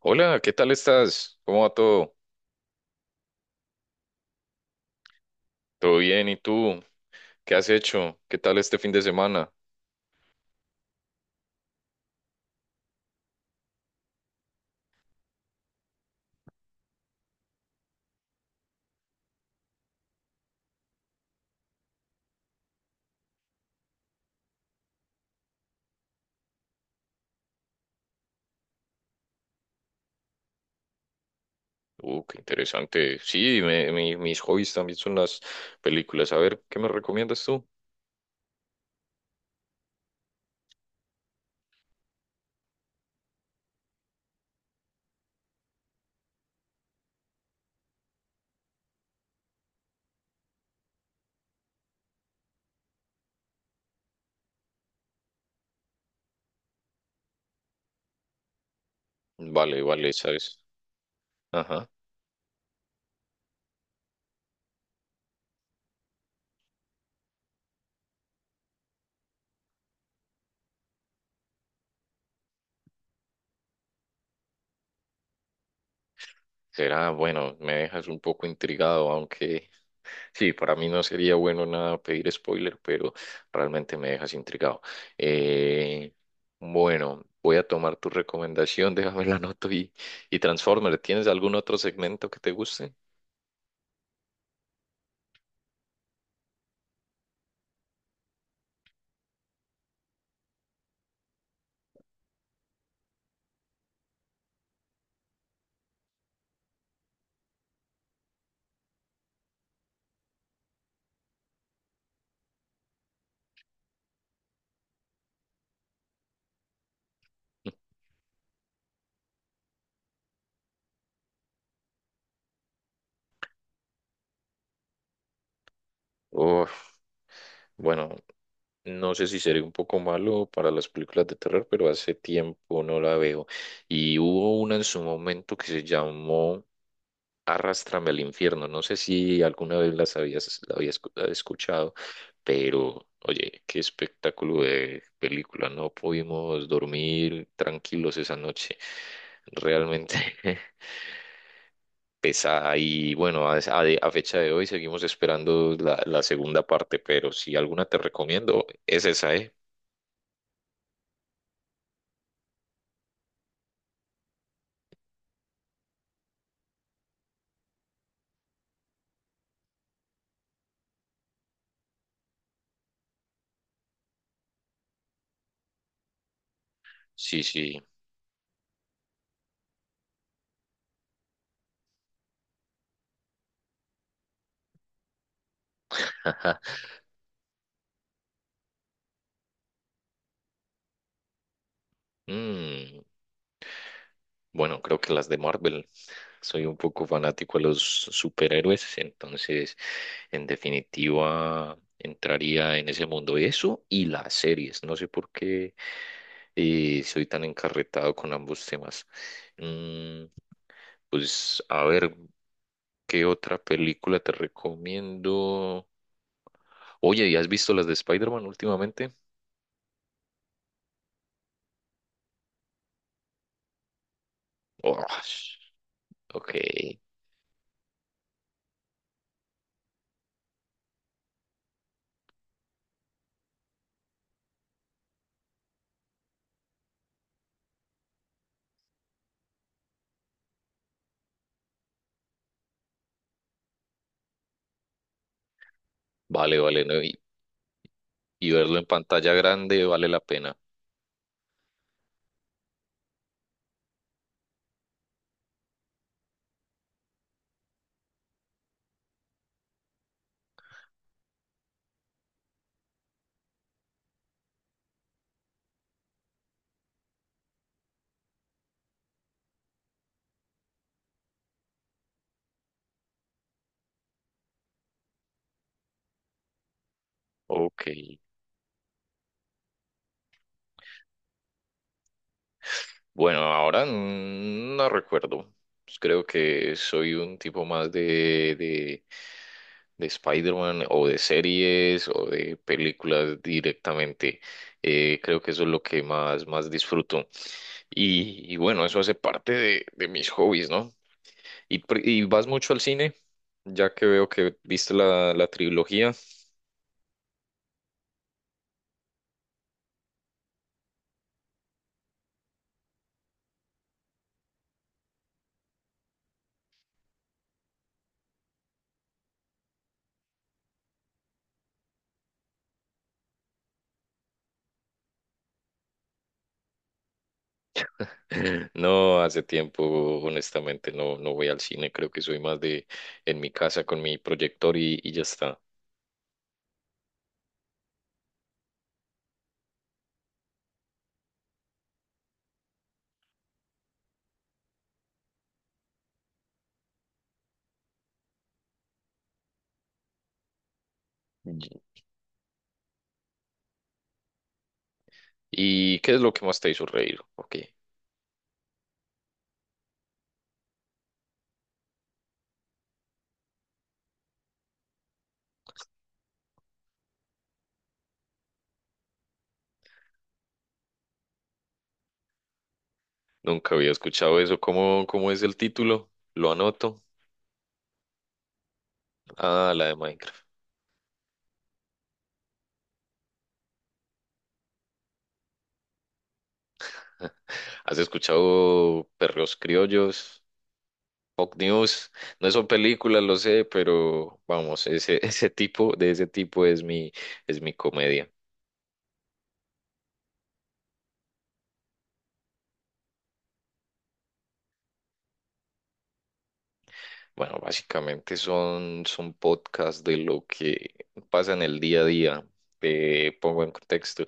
Hola, ¿qué tal estás? ¿Cómo va todo? ¿Todo bien? ¿Y tú? ¿Qué has hecho? ¿Qué tal este fin de semana? Qué interesante. Sí, mis hobbies también son las películas. A ver, ¿qué me recomiendas tú? Vale, vale, sabes. Ajá. Será, bueno, me dejas un poco intrigado, aunque sí, para mí no sería bueno nada pedir spoiler, pero realmente me dejas intrigado. Eh, bueno, voy a tomar tu recomendación, déjame la anoto y Transformer, ¿tienes algún otro segmento que te guste? Uf, bueno, no sé si sería un poco malo para las películas de terror, pero hace tiempo no la veo. Y hubo una en su momento que se llamó Arrástrame al infierno. No sé si alguna vez la habías escuchado, pero oye, qué espectáculo de película. No pudimos dormir tranquilos esa noche. Realmente pesa y bueno, a fecha de hoy seguimos esperando la segunda parte, pero si alguna te recomiendo, es esa, ¿eh? Sí, sí. Ajá. Mm, bueno, creo que las de Marvel. Soy un poco fanático a los superhéroes, entonces en definitiva entraría en ese mundo. Eso y las series. No sé por qué soy tan encarretado con ambos temas. Mm, pues a ver, ¿qué otra película te recomiendo? Oye, ¿y has visto las de Spider-Man últimamente? Oh, sh- ok, vale, vale, no, y verlo en pantalla grande vale la pena. Ok. Bueno, ahora no recuerdo. Pues creo que soy un tipo más de Spider-Man o de series o de películas directamente. Creo que eso es lo que más disfruto. Y bueno, eso hace parte de mis hobbies, ¿no? ¿Y, y vas mucho al cine? Ya que veo que viste la trilogía. No, hace tiempo, honestamente, no, no voy al cine. Creo que soy más de en mi casa con mi proyector y ya está. ¿Y ¿Y qué es lo que más te hizo reír? Ok, nunca había escuchado eso. ¿Cómo, cómo es el título? Lo anoto. Ah, la de Minecraft. ¿Has escuchado Perros Criollos? Fox News. No son películas, lo sé, pero vamos, ese, ese tipo, de ese tipo es mi comedia. Bueno, básicamente son podcasts de lo que pasa en el día a día. Te pongo en contexto.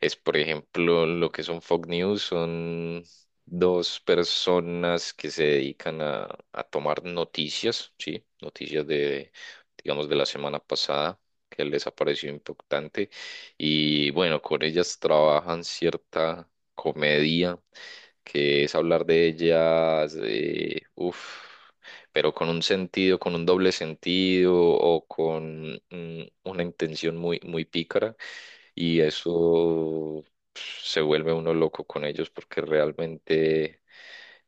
Es, por ejemplo, lo que son Fox News, son dos personas que se dedican a tomar noticias, ¿sí? Noticias de, digamos, de la semana pasada, que les ha parecido impactante. Y bueno, con ellas trabajan cierta comedia, que es hablar de ellas, de, uf pero con un sentido, con un doble sentido o con una intención muy, muy pícara. Y eso pf, se vuelve uno loco con ellos porque realmente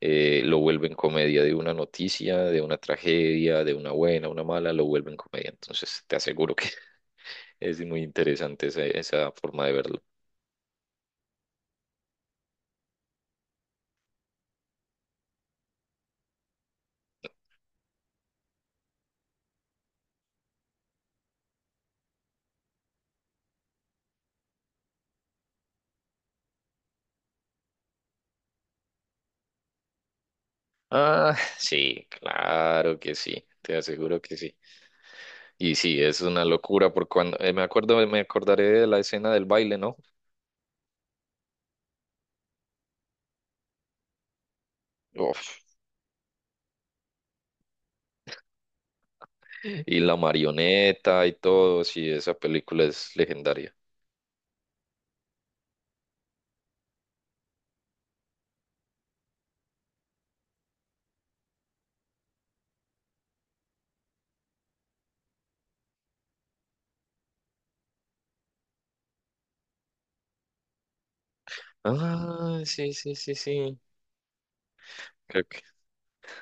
lo vuelven comedia de una noticia, de una tragedia, de una buena, una mala, lo vuelven comedia. Entonces te aseguro que es muy interesante esa, esa forma de verlo. Ah, sí, claro que sí, te aseguro que sí. Y sí, es una locura, porque cuando me acuerdo, me acordaré de la escena del baile, ¿no? Uf, y la marioneta y todo, sí, esa película es legendaria. Ah, sí, sí, sí, sí. Creo que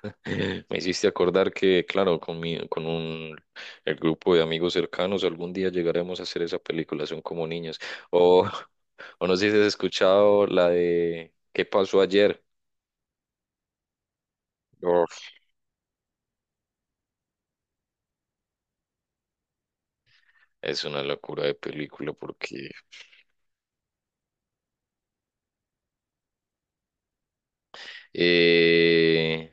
me hiciste acordar que, claro, con un el grupo de amigos cercanos, algún día llegaremos a hacer esa película, son como niños. O, o no sé si has escuchado la de ¿Qué pasó ayer? Uf, es una locura de película porque eh,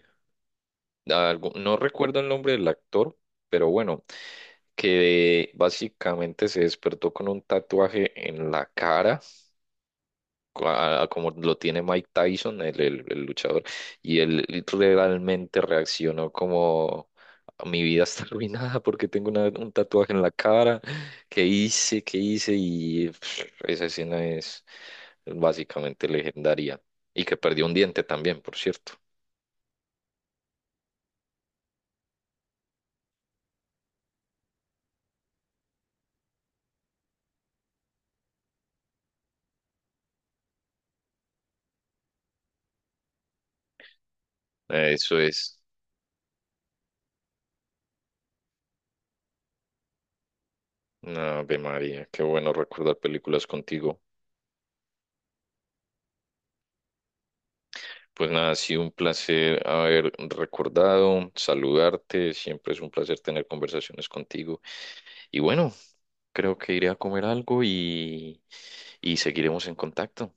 no recuerdo el nombre del actor, pero bueno, que básicamente se despertó con un tatuaje en la cara, como lo tiene Mike Tyson, el, el luchador, y él realmente reaccionó como... Mi vida está arruinada porque tengo un tatuaje en la cara. ¿Qué hice? ¿Qué hice? Y pff, esa escena es básicamente legendaria. Y que perdió un diente también, por cierto. Eso es. Ave María, qué bueno recordar películas contigo. Pues nada, ha sido un placer haber recordado, saludarte, siempre es un placer tener conversaciones contigo. Y bueno, creo que iré a comer algo y seguiremos en contacto.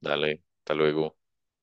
Dale, hasta luego.